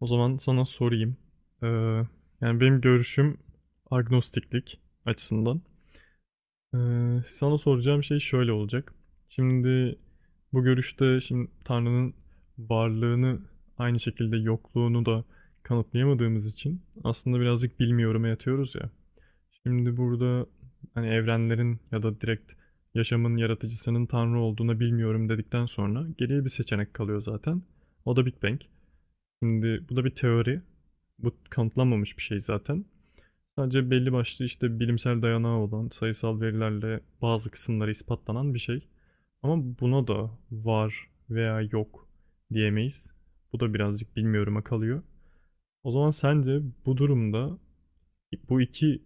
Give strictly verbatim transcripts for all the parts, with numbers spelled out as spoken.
O zaman sana sorayım. Ee, Yani benim görüşüm agnostiklik açısından. Ee, sana soracağım şey şöyle olacak. Şimdi bu görüşte şimdi Tanrı'nın varlığını aynı şekilde yokluğunu da kanıtlayamadığımız için aslında birazcık bilmiyorum'a yatıyoruz ya. Şimdi burada hani evrenlerin ya da direkt yaşamın yaratıcısının Tanrı olduğuna bilmiyorum dedikten sonra geriye bir seçenek kalıyor zaten. O da Big Bang. Şimdi bu da bir teori. Bu kanıtlanmamış bir şey zaten. Sadece belli başlı işte bilimsel dayanağı olan sayısal verilerle bazı kısımları ispatlanan bir şey. Ama buna da var veya yok diyemeyiz. Bu da birazcık bilmiyorum'a kalıyor. O zaman sence bu durumda bu iki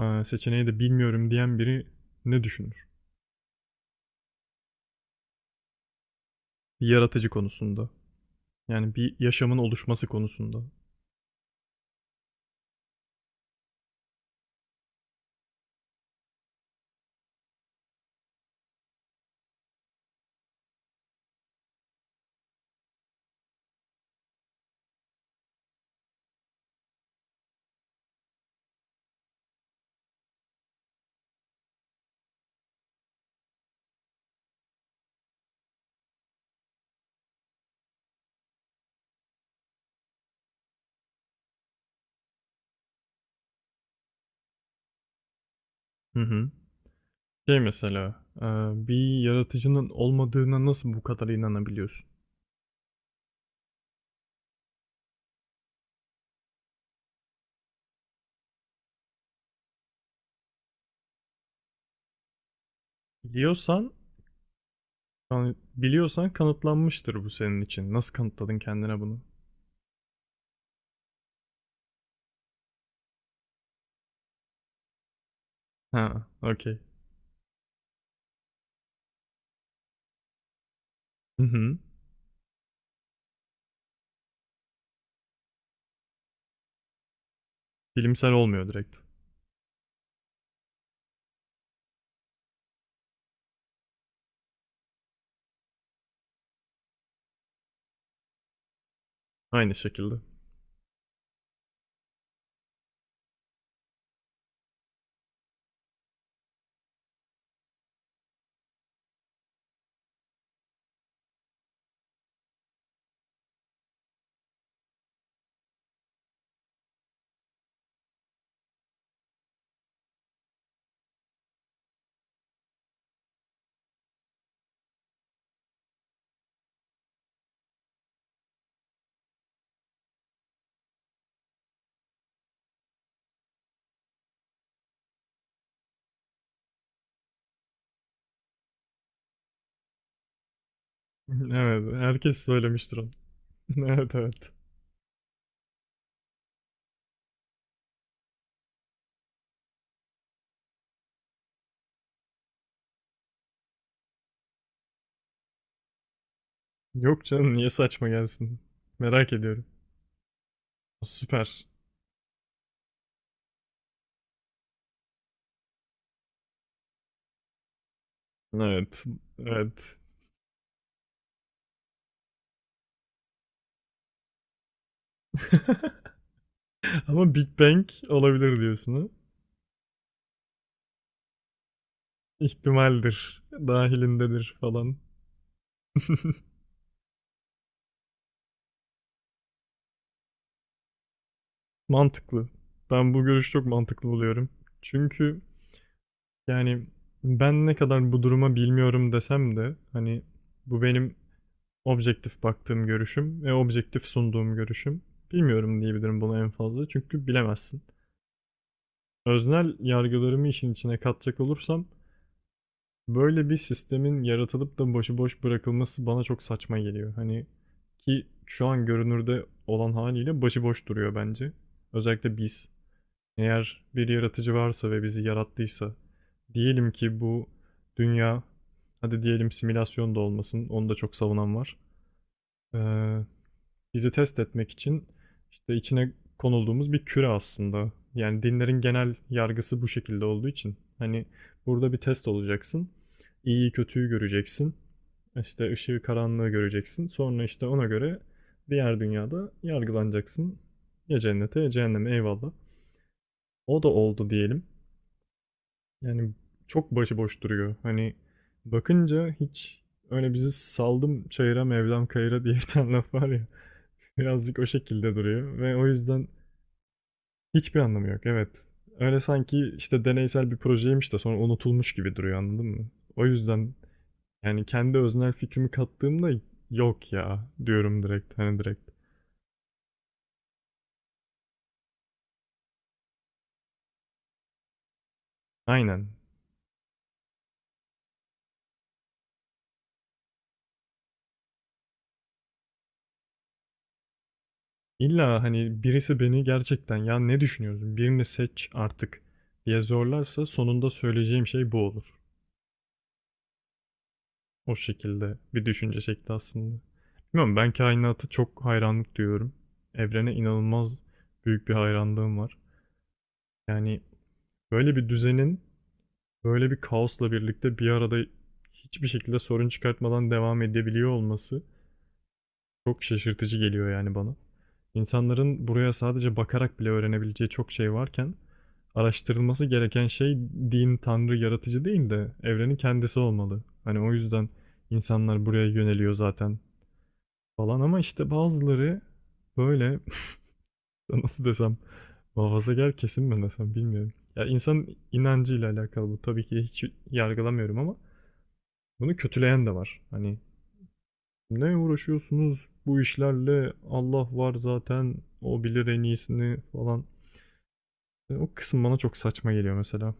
e, seçeneği de bilmiyorum diyen biri ne düşünür? Yaratıcı konusunda. Yani bir yaşamın oluşması konusunda. Hı hı. Şey mesela, e, bir yaratıcının olmadığına nasıl bu kadar inanabiliyorsun? Biliyorsan, kan- biliyorsan kanıtlanmıştır bu senin için. Nasıl kanıtladın kendine bunu? Ha, okey. Hı hı. Bilimsel olmuyor direkt. Aynı şekilde. Evet, herkes söylemiştir onu. Evet, evet. Yok canım, niye saçma gelsin? Merak ediyorum. Süper. Evet, evet. Ama Big Bang olabilir diyorsun ha? İhtimaldir, dahilindedir falan. Mantıklı. Ben bu görüşü çok mantıklı buluyorum. Çünkü yani ben ne kadar bu duruma bilmiyorum desem de hani bu benim objektif baktığım görüşüm ve objektif sunduğum görüşüm. Bilmiyorum diyebilirim buna en fazla çünkü bilemezsin. Öznel yargılarımı işin içine katacak olursam böyle bir sistemin yaratılıp da başıboş bırakılması bana çok saçma geliyor. Hani ki şu an görünürde olan haliyle başıboş duruyor bence. Özellikle biz. Eğer bir yaratıcı varsa ve bizi yarattıysa, diyelim ki bu dünya, hadi diyelim simülasyon da olmasın, onu da çok savunan var. Ee, Bizi test etmek için işte içine konulduğumuz bir küre aslında. Yani dinlerin genel yargısı bu şekilde olduğu için. Hani burada bir test olacaksın, iyiyi kötüyü göreceksin, işte ışığı karanlığı göreceksin. Sonra işte ona göre diğer dünyada yargılanacaksın. Ya cennete ya cehenneme eyvallah. O da oldu diyelim. Yani, çok başıboş duruyor. Hani, bakınca hiç öyle bizi saldım çayıra Mevlam kayıra diye bir tane laf var ya, birazcık o şekilde duruyor ve o yüzden hiçbir anlamı yok. Evet. Öyle sanki, işte, deneysel bir projeymiş de sonra unutulmuş gibi duruyor, anladın mı? O yüzden, yani, kendi öznel fikrimi kattığımda "Yok ya." diyorum direkt, hani, direkt. Aynen. İlla, hani, birisi beni gerçekten "Ya, ne düşünüyorsun? Birini seç artık." diye zorlarsa sonunda söyleyeceğim şey bu olur. O şekilde bir düşünce şekli aslında. Bilmiyorum ben kainata çok hayranlık duyuyorum. Evrene inanılmaz büyük bir hayranlığım var. Yani böyle bir düzenin böyle bir kaosla birlikte bir arada hiçbir şekilde sorun çıkartmadan devam edebiliyor olması çok şaşırtıcı geliyor yani bana. İnsanların buraya sadece bakarak bile öğrenebileceği çok şey varken araştırılması gereken şey din, tanrı, yaratıcı değil de evrenin kendisi olmalı. Hani o yüzden insanlar buraya yöneliyor zaten. Falan ama işte bazıları böyle nasıl desem muhafazakar kesim mi desem bilmiyorum. Ya insan inancıyla alakalı bu tabii ki hiç yargılamıyorum ama bunu kötüleyen de var. Hani ne uğraşıyorsunuz bu işlerle Allah var zaten o bilir en iyisini falan. E, o kısım bana çok saçma geliyor mesela.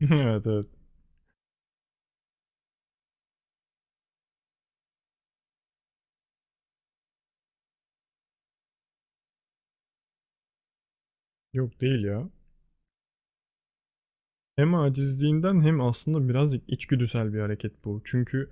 Evet, evet. Yok değil ya. Hem acizliğinden hem aslında birazcık içgüdüsel bir hareket bu. Çünkü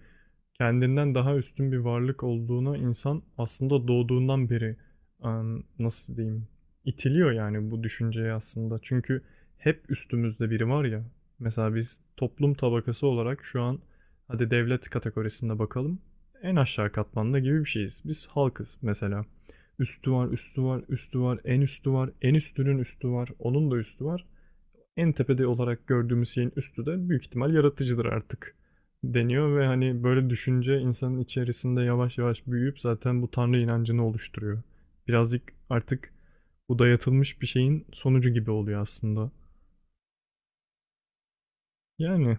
kendinden daha üstün bir varlık olduğuna insan aslında doğduğundan beri em, nasıl diyeyim itiliyor yani bu düşünceye aslında. Çünkü hep üstümüzde biri var ya. Mesela biz toplum tabakası olarak şu an hadi devlet kategorisinde bakalım. En aşağı katmanda gibi bir şeyiz. Biz halkız mesela. Üstü var, üstü var, üstü var, en üstü var, en üstünün üstü var, onun da üstü var, en tepede olarak gördüğümüz şeyin üstü de büyük ihtimal yaratıcıdır artık deniyor ve hani böyle düşünce insanın içerisinde yavaş yavaş büyüyüp zaten bu tanrı inancını oluşturuyor. Birazcık artık bu dayatılmış bir şeyin sonucu gibi oluyor aslında. Yani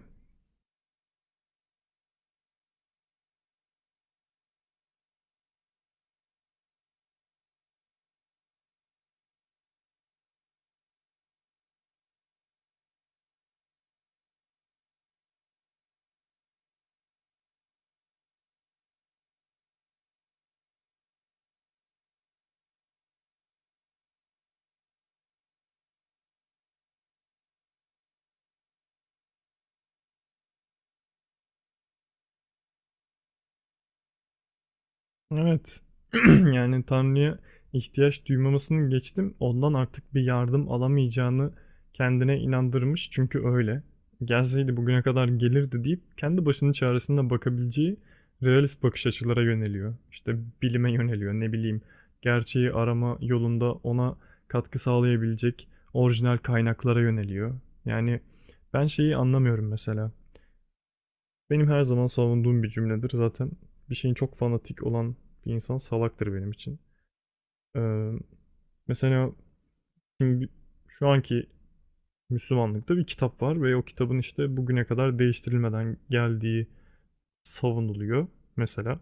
evet. Yani Tanrı'ya ihtiyaç duymamasını geçtim. Ondan artık bir yardım alamayacağını kendine inandırmış. Çünkü öyle. Gelseydi bugüne kadar gelirdi deyip kendi başının çaresine bakabileceği realist bakış açılara yöneliyor. İşte bilime yöneliyor. Ne bileyim gerçeği arama yolunda ona katkı sağlayabilecek orijinal kaynaklara yöneliyor. Yani ben şeyi anlamıyorum mesela. Benim her zaman savunduğum bir cümledir. Zaten bir şeyin çok fanatik olan bir insan salaktır benim için. Ee, Mesela şimdi şu anki Müslümanlıkta bir kitap var ve o kitabın işte bugüne kadar değiştirilmeden geldiği savunuluyor mesela.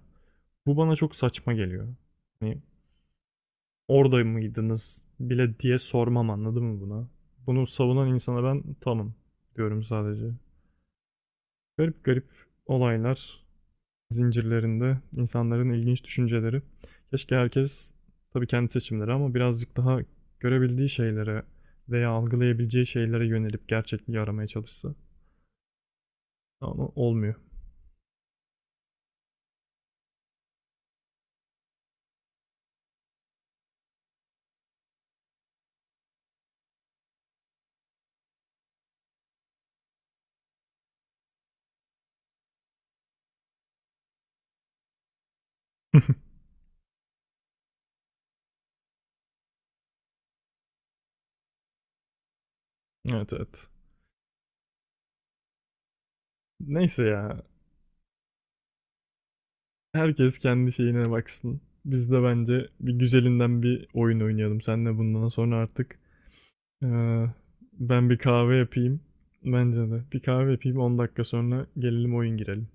Bu bana çok saçma geliyor. Hani orada mıydınız bile diye sormam anladın mı buna? Bunu savunan insana ben tamam diyorum sadece. Garip garip olaylar zincirlerinde insanların ilginç düşünceleri. Keşke herkes, tabii kendi seçimleri, ama birazcık daha görebildiği şeylere veya algılayabileceği şeylere yönelip gerçekliği aramaya çalışsa. Ama olmuyor. Evet, evet. Neyse ya. Herkes kendi şeyine baksın. Biz de bence bir güzelinden bir oyun oynayalım. Senle bundan sonra artık eee, ben bir kahve yapayım. Bence de. Bir kahve yapayım, on dakika sonra gelelim oyun girelim.